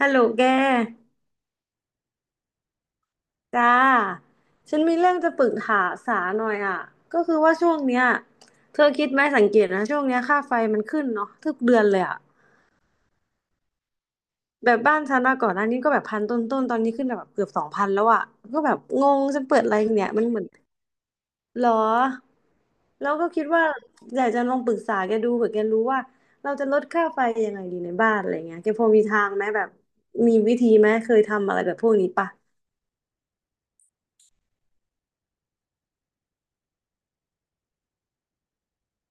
ฮัลโหลแกจ้าฉันมีเรื่องจะปรึกษาสาหน่อยอ่ะก็คือว่าช่วงเนี้ยเธอคิดไหมสังเกตนะช่วงเนี้ยค่าไฟมันขึ้นเนาะทุกเดือนเลยอ่ะแบบบ้านฉันอะก่อนหน้านี้ก็แบบพันต้นๆตอนนี้ขึ้นแบบเกือบ2,000แล้วอ่ะก็แบบงงฉันเปิดอะไรเนี่ยมันเหมือนหรอแล้วก็คิดว่าอยากจะลองปรึกษาแกดูเผื่อแกรู้ว่าเราจะลดค่าไฟยังไงดีในบ้านอะไรเงี้ยแกพอมีทางไหมแบบมีวิธีไหมเคยทำอะไรแบบพวกนี้ปะ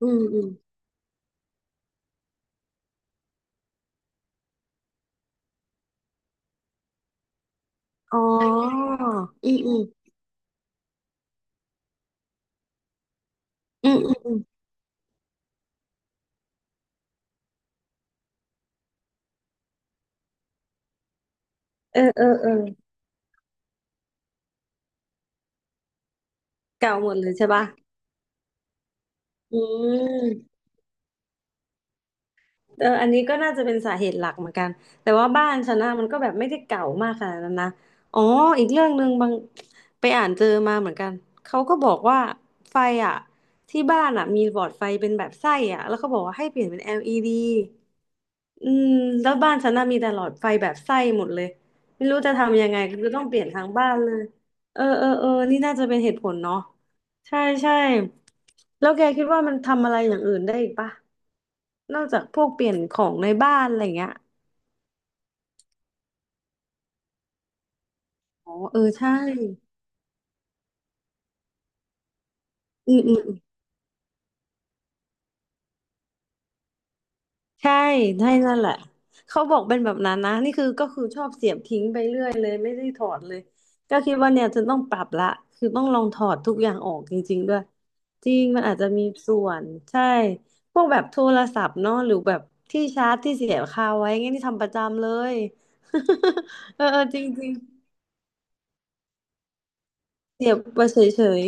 อืม อ๋ออืมอืมอืมอืมอืมเออเออเออเก่าหมดเลยใช่ปะอืมเอออันนี้ก็น่าจะเป็นสาเหตุหลักเหมือนกันแต่ว่าบ้านฉันนะมันก็แบบไม่ได้เก่ามากขนาดนั้นนะอ๋ออีกเรื่องหนึ่งบางไปอ่านเจอมาเหมือนกันเขาก็บอกว่าไฟอ่ะที่บ้านอ่ะมีหลอดไฟเป็นแบบไส้อ่ะแล้วเขาบอกว่าให้เปลี่ยนเป็น LED อืมแล้วบ้านฉันน่ะมีแต่หลอดไฟแบบไส้หมดเลยไม่รู้จะทำยังไงก็ต้องเปลี่ยนทั้งบ้านเลยเออเออเออนี่น่าจะเป็นเหตุผลเนาะใช่ใช่แล้วแกคิดว่ามันทำอะไรอย่างอื่นได้อีกปะนอกจากพวกเปลี่ยนของในบ้านอะไรเงี้ยอ๋อเออใช่อืมอืม ใช่ ใช่นั่นแหละเขาบอกเป็นแบบนั้นนะนี่คือก็คือชอบเสียบทิ้งไปเรื่อยเลยไม่ได้ถอดเลยก็คิดว่าเนี่ยจะต้องปรับละคือต้องลองถอดทุกอย่างออกจริงๆด้วยจริงมันอาจจะมีส่วนใช่พวกแบบโทรศัพท์เนาะหรือแบบที่ชาร์จที่เสียบคาไว้เงี้ยนี่ทำประจำเลย เออเออจริงๆเสียบไปเฉย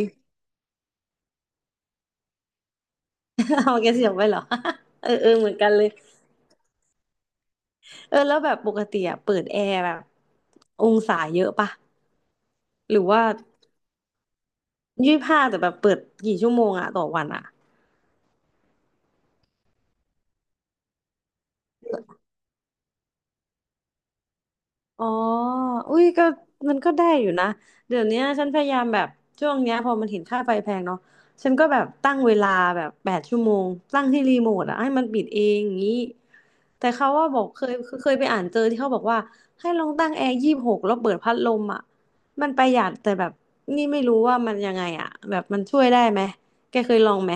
ๆ เอาแกเสียบไว้เหรอ เออเออเหมือนกันเลยเออแล้วแบบปกติอะเปิดแอร์แบบองศาเยอะปะหรือว่า 25แต่แบบเปิดกี่ชั่วโมงอะต่อวันอะอ๋ออุ้ยก็มันก็ได้อยู่นะเดี๋ยวเนี้ยฉันพยายามแบบช่วงเนี้ยพอมันเห็นค่าไฟแพงเนาะฉันก็แบบตั้งเวลาแบบ8 ชั่วโมงตั้งที่รีโมทอะให้มันปิดเองอย่างนี้แต่เขาว่าบอกเคยไปอ่านเจอที่เขาบอกว่าให้ลองตั้งแอร์ยี่สิบหกแล้วเปิดพัดลมอะมันประหยัดแต่แบบนี่ไม่รู้ว่ามันยังไงอะแบบมันช่วยได้ไหมแกเคยลองไหม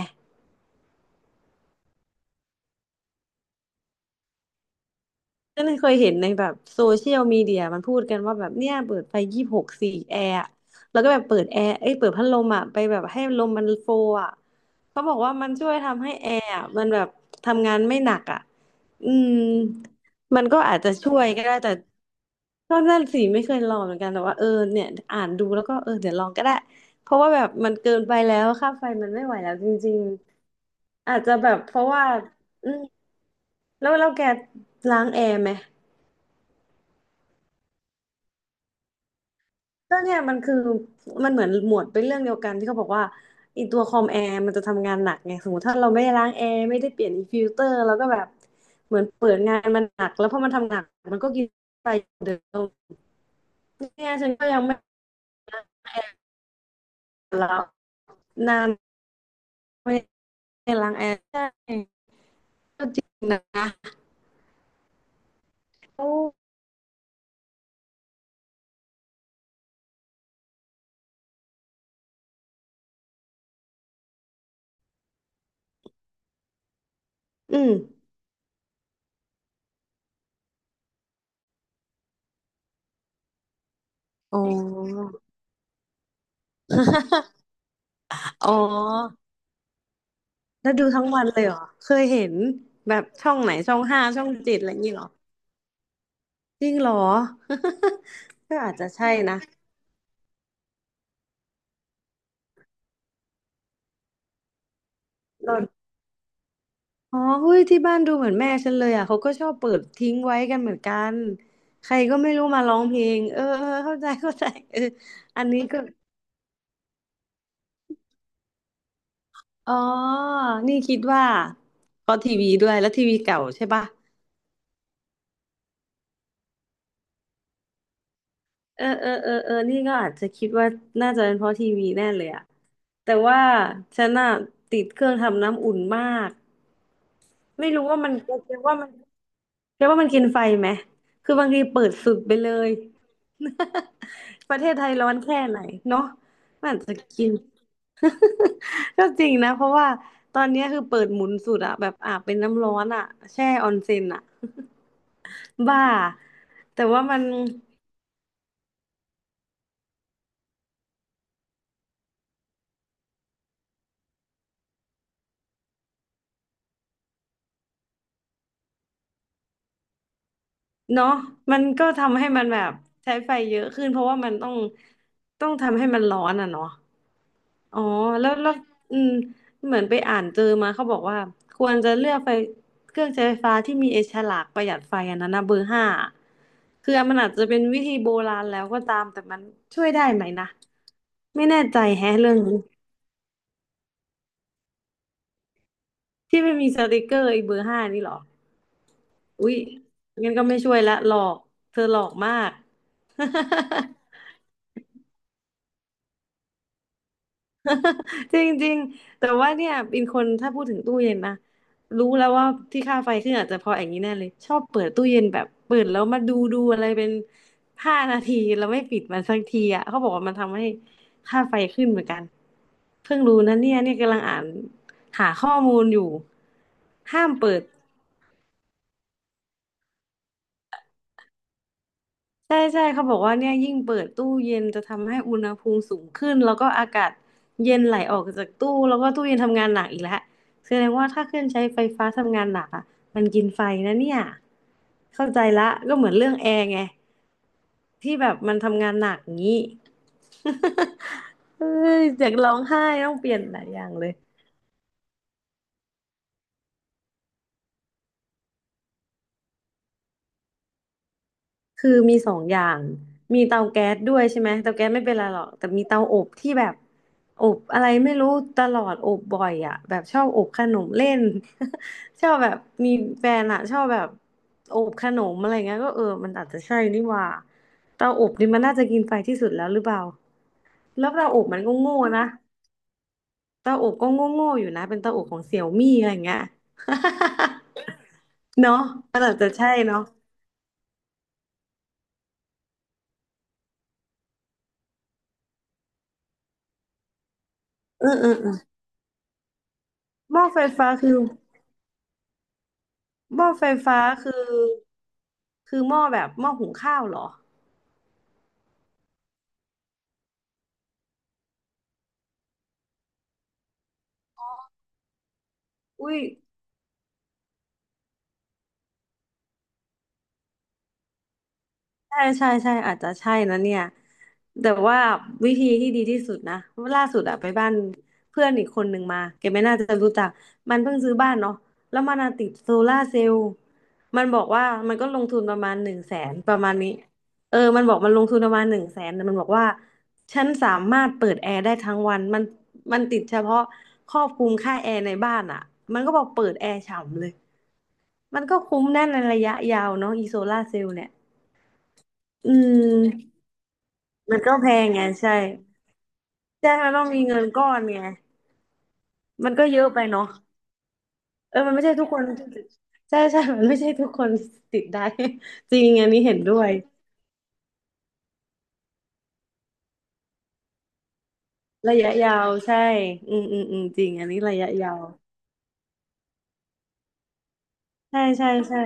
ก็เลยเคยเห็นในแบบโซเชียลมีเดียมันพูดกันว่าแบบเนี่ยเปิดไฟยี่สิบหกสี่แอร์อะแล้วก็แบบเปิดแอร์เอ้ยเปิดพัดลมอ่ะไปแบบให้ลมมันโฟอ่ะเขาบอกว่ามันช่วยทำให้แอร์อะมันแบบทำงานไม่หนักอ่ะอืมมันก็อาจจะช่วยก็ได้แต่ก็นั่นสิไม่เคยลองเหมือนกันแต่ว่าเออเนี่ยอ่านดูแล้วก็เออเดี๋ยวลองก็ได้เพราะว่าแบบมันเกินไปแล้วค่าไฟมันไม่ไหวแล้วจริงๆอาจจะแบบเพราะว่าอืมแล้วแก ล้างแอร์ไหมก็เนี่ยมันคือมันเหมือนหมวดเป็นเรื่องเดียวกันที่เขาบอกว่าไอีตัวคอมแอร์มันจะทำงานหนักไงสมมติถ้าเราไม่ได้ล้างแอร์ไม่ได้เปลี่ยนอีฟิลเตอร์เราก็แบบเหมือนเปิดงานมันหนักแล้วพอมันทำงานหนักมันก็กินไปเดิมเนี่ยฉันก็ยังไม่ล้างแอร์แล้วนานไม่ได้ล้างแอร์ใช่ก็จริงนะโอ้ อืมอ๋ออ๋อแล้วดูทั้งวันเลยเหรอเคยเห็นแบบช่องไหนช่อง 5ช่อง 7อะไรอย่างงี้เหรอ จริงเหรอ ก็อาจจะใช่นะโดนอ๋อเฮ้ยที่บ้านดูเหมือนแม่ฉันเลยอ่ะ เขาก็ชอบเปิดทิ้งไว้กันเหมือนกันใครก็ไม่รู้มาร้องเพลงเออเออเข้าใจ เข้าใจเอออันนี้ก็อ๋อนี่คิดว่าเพราะทีวีด้วยแล้วทีวีเก่าใช่ปะเออเออเออเออนี่ก็อาจจะคิดว่าน่าจะเป็นเพราะทีวีแน่เลยอ่ะ แต่ว่าฉันน่ะติดเครื่องทำน้ำอุ่นมากไม่รู้ว่ามันเรียก็ตว่ามัน แค่ว่ามันกินไฟไหม คือบางทีเปิดสุดไปเลย ประเทศไทยร้อนแค่ไหนเนาะมันอาจจะกิน ก็จริงนะเพราะว่าตอนเนี้ยคือเปิดหมุนสุดอะแบบอาบเป็นน้ำร้อนอะแช่ออนเซ็นอะบ้าแต่ว่ามันเนาะมันก็ทำให้มันแบบใช้ไฟเยอะขึ้นเพราะว่ามันต้องทำให้มันร้อนอะเนาะ อ๋อแล้วแล้วอืมเหมือนไปอ่านเจอมาเขาบอกว่าควรจะเลือกไฟเครื่องใช้ไฟฟ้าที่มีไอ้ฉลากประหยัดไฟอันนั้นนะเบอร์ห้าคือมันอาจจะเป็นวิธีโบราณแล้วก็ตามแต่มันช่วยได้ไหมนะไม่แน่ใจแฮะเรื่องนี้ที่ไม่มีสติกเกอร์ไอ้เบอร์ห้านี่เหรออุ๊ยงั้นก็ไม่ช่วยละหลอกเธอหลอกมาก จริงๆแต่ว่าเนี่ยเป็นคนถ้าพูดถึงตู้เย็นนะรู้แล้วว่าที่ค่าไฟขึ้นอาจจะเพราะอย่างนี้แน่เลยชอบเปิดตู้เย็นแบบเปิดแล้วมาดูอะไรเป็น5 นาทีแล้วไม่ปิดมันสักทีอ่ะเขาบอกว่ามันทำให้ค่าไฟขึ้นเหมือนกันเพิ่งรู้นะเนี่ยกำลังอ่านหาข้อมูลอยู่ห้ามเปิด ใช่ใช่เขาบอกว่าเนี่ยยิ่งเปิดตู้เย็นจะทำให้อุณหภูมิสูงขึ้นแล้วก็อากาศเย็นไหลออกจากตู้แล้วก็ตู้เย็นทำงานหนักอีกแล้วแสดงว่าถ้าเครื่องใช้ไฟฟ้าทำงานหนักอ่ะมันกินไฟนะเนี่ยเข้าใจละก็เหมือนเรื่องแอร์ไงที่แบบมันทำงานหนักงี้ เอ้ยอยากร้องไห้ต้องเปลี่ยนหลายอย่างเลย คือมี2 อย่างมีเตาแก๊สด้วยใช่ไหมเตาแก๊สไม่เป็นไรหรอกแต่มีเตาอบที่แบบอบอะไรไม่รู้ตลอดอบบ่อยอ่ะแบบชอบอบขนมเล่น ชอบแบบมีแฟนอ่ะชอบแบบอบขนมอะไรเงี้ยก็เออมันอาจจะใช่นี่หว่าเตาอบนี่มันน่าจะกินไฟที่สุดแล้วหรือเปล่าแล้วเตาอบมันก็โง่นะเตาอบก็โง่โง่อยู่นะเป็นเตาอบของเสี่ยวมี่อะไรเงี้ย เนาะมันอาจจะใช่เนาะเออเออเออหม้อไฟฟ้าคือ หม้อไฟฟ้าคือคือหม้อแบบหม้อหุงข้าวเหรออุ้ย ใช่ใช่ใช่อาจจะใช่นะเนี่ยแต่ว่าวิธีที่ดีที่สุดนะล่าสุดอะไปบ้านเพื่อนอีกคนหนึ่งมาแกไม่น่าจะรู้จักมันเพิ่งซื้อบ้านเนาะแล้วมันอะติดโซลาร์เซลล์มันบอกว่ามันก็ลงทุนประมาณหนึ่งแสนประมาณนี้เออมันบอกมันลงทุนประมาณหนึ่งแสนแต่มันบอกว่าฉันสามารถเปิดแอร์ได้ทั้งวันมันมันติดเฉพาะครอบคลุมค่าแอร์ในบ้านอะมันก็บอกเปิดแอร์ฉ่ำเลยมันก็คุ้มแน่ในระยะยาวเนาะอีโซลาร์เซลล์เนี่ยอืม มันก็แพงไงใช่ใช่มันต้องมีเงินก้อนไงมันก็เยอะไปเนาะเออมันไม่ใช่ทุกคนใช่ใช่มันไม่ใช่ทุกคนติดได้ จริงอันนี้เห็นด้วยระยะยาวใช่อืมจริงอันนี้ระยะยาวใช่ใช่ใช่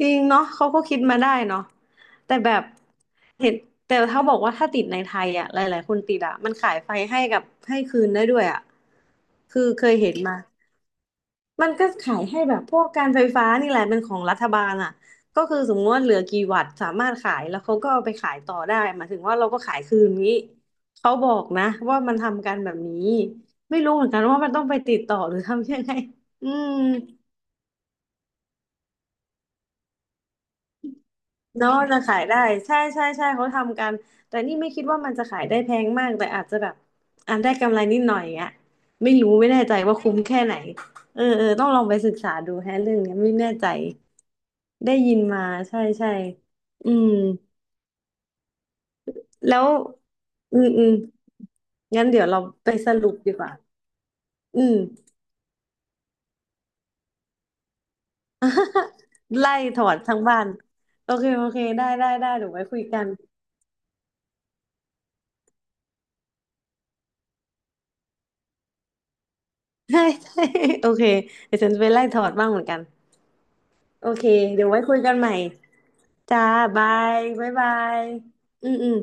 จริงเนาะเขาก็คิดมาได้เนาะแต่แบบเห็นแต่เขาบอกว่าถ้าติดในไทยอ่ะหลายๆคนติดอ่ะมันขายไฟให้กับให้คืนได้ด้วยอ่ะคือเคยเห็นมา มันก็ขายให้แบบพวกการไฟฟ้านี่แหละเป็นของรัฐบาลอ่ะก็คือสมมติว่าเหลือกี่วัตต์สามารถขายแล้วเขาก็เอาไปขายต่อได้หมายถึงว่าเราก็ขายคืนนี้เขาบอกนะว่ามันทำกันแบบนี้ไม่รู้เหมือนกันว่ามันต้องไปติดต่อหรือทำยังไงอืม เนาะจะขายได้ใช่ใช่ใช่เขาทำกันแต่นี่ไม่คิดว่ามันจะขายได้แพงมากแต่อาจจะแบบอ่นได้กำไรนิดหน่อยอ่ะไม่รู้ไม่แน่ใจว่าคุ้มแค่ไหนเออเออต้องลองไปศึกษาดูแฮะเรื่องเนี้ยไม่แน่ใจได้ยินมาใช่ใช่อืมแล้วอืมงั้นเดี๋ยวเราไปสรุปดีกว่าอืมไล่ถอนทั้งบ้านโอเคได้ได้ได้เดี๋ยวไว้คุยกัน ใช่ใช่โอเคเดี๋ยวฉันจะไปไล่ถอดบ้างเหมือนกัน โอเค เดี๋ยวไว้คุยกันใหม่จ้าบายบ๊ายบายอืมอืม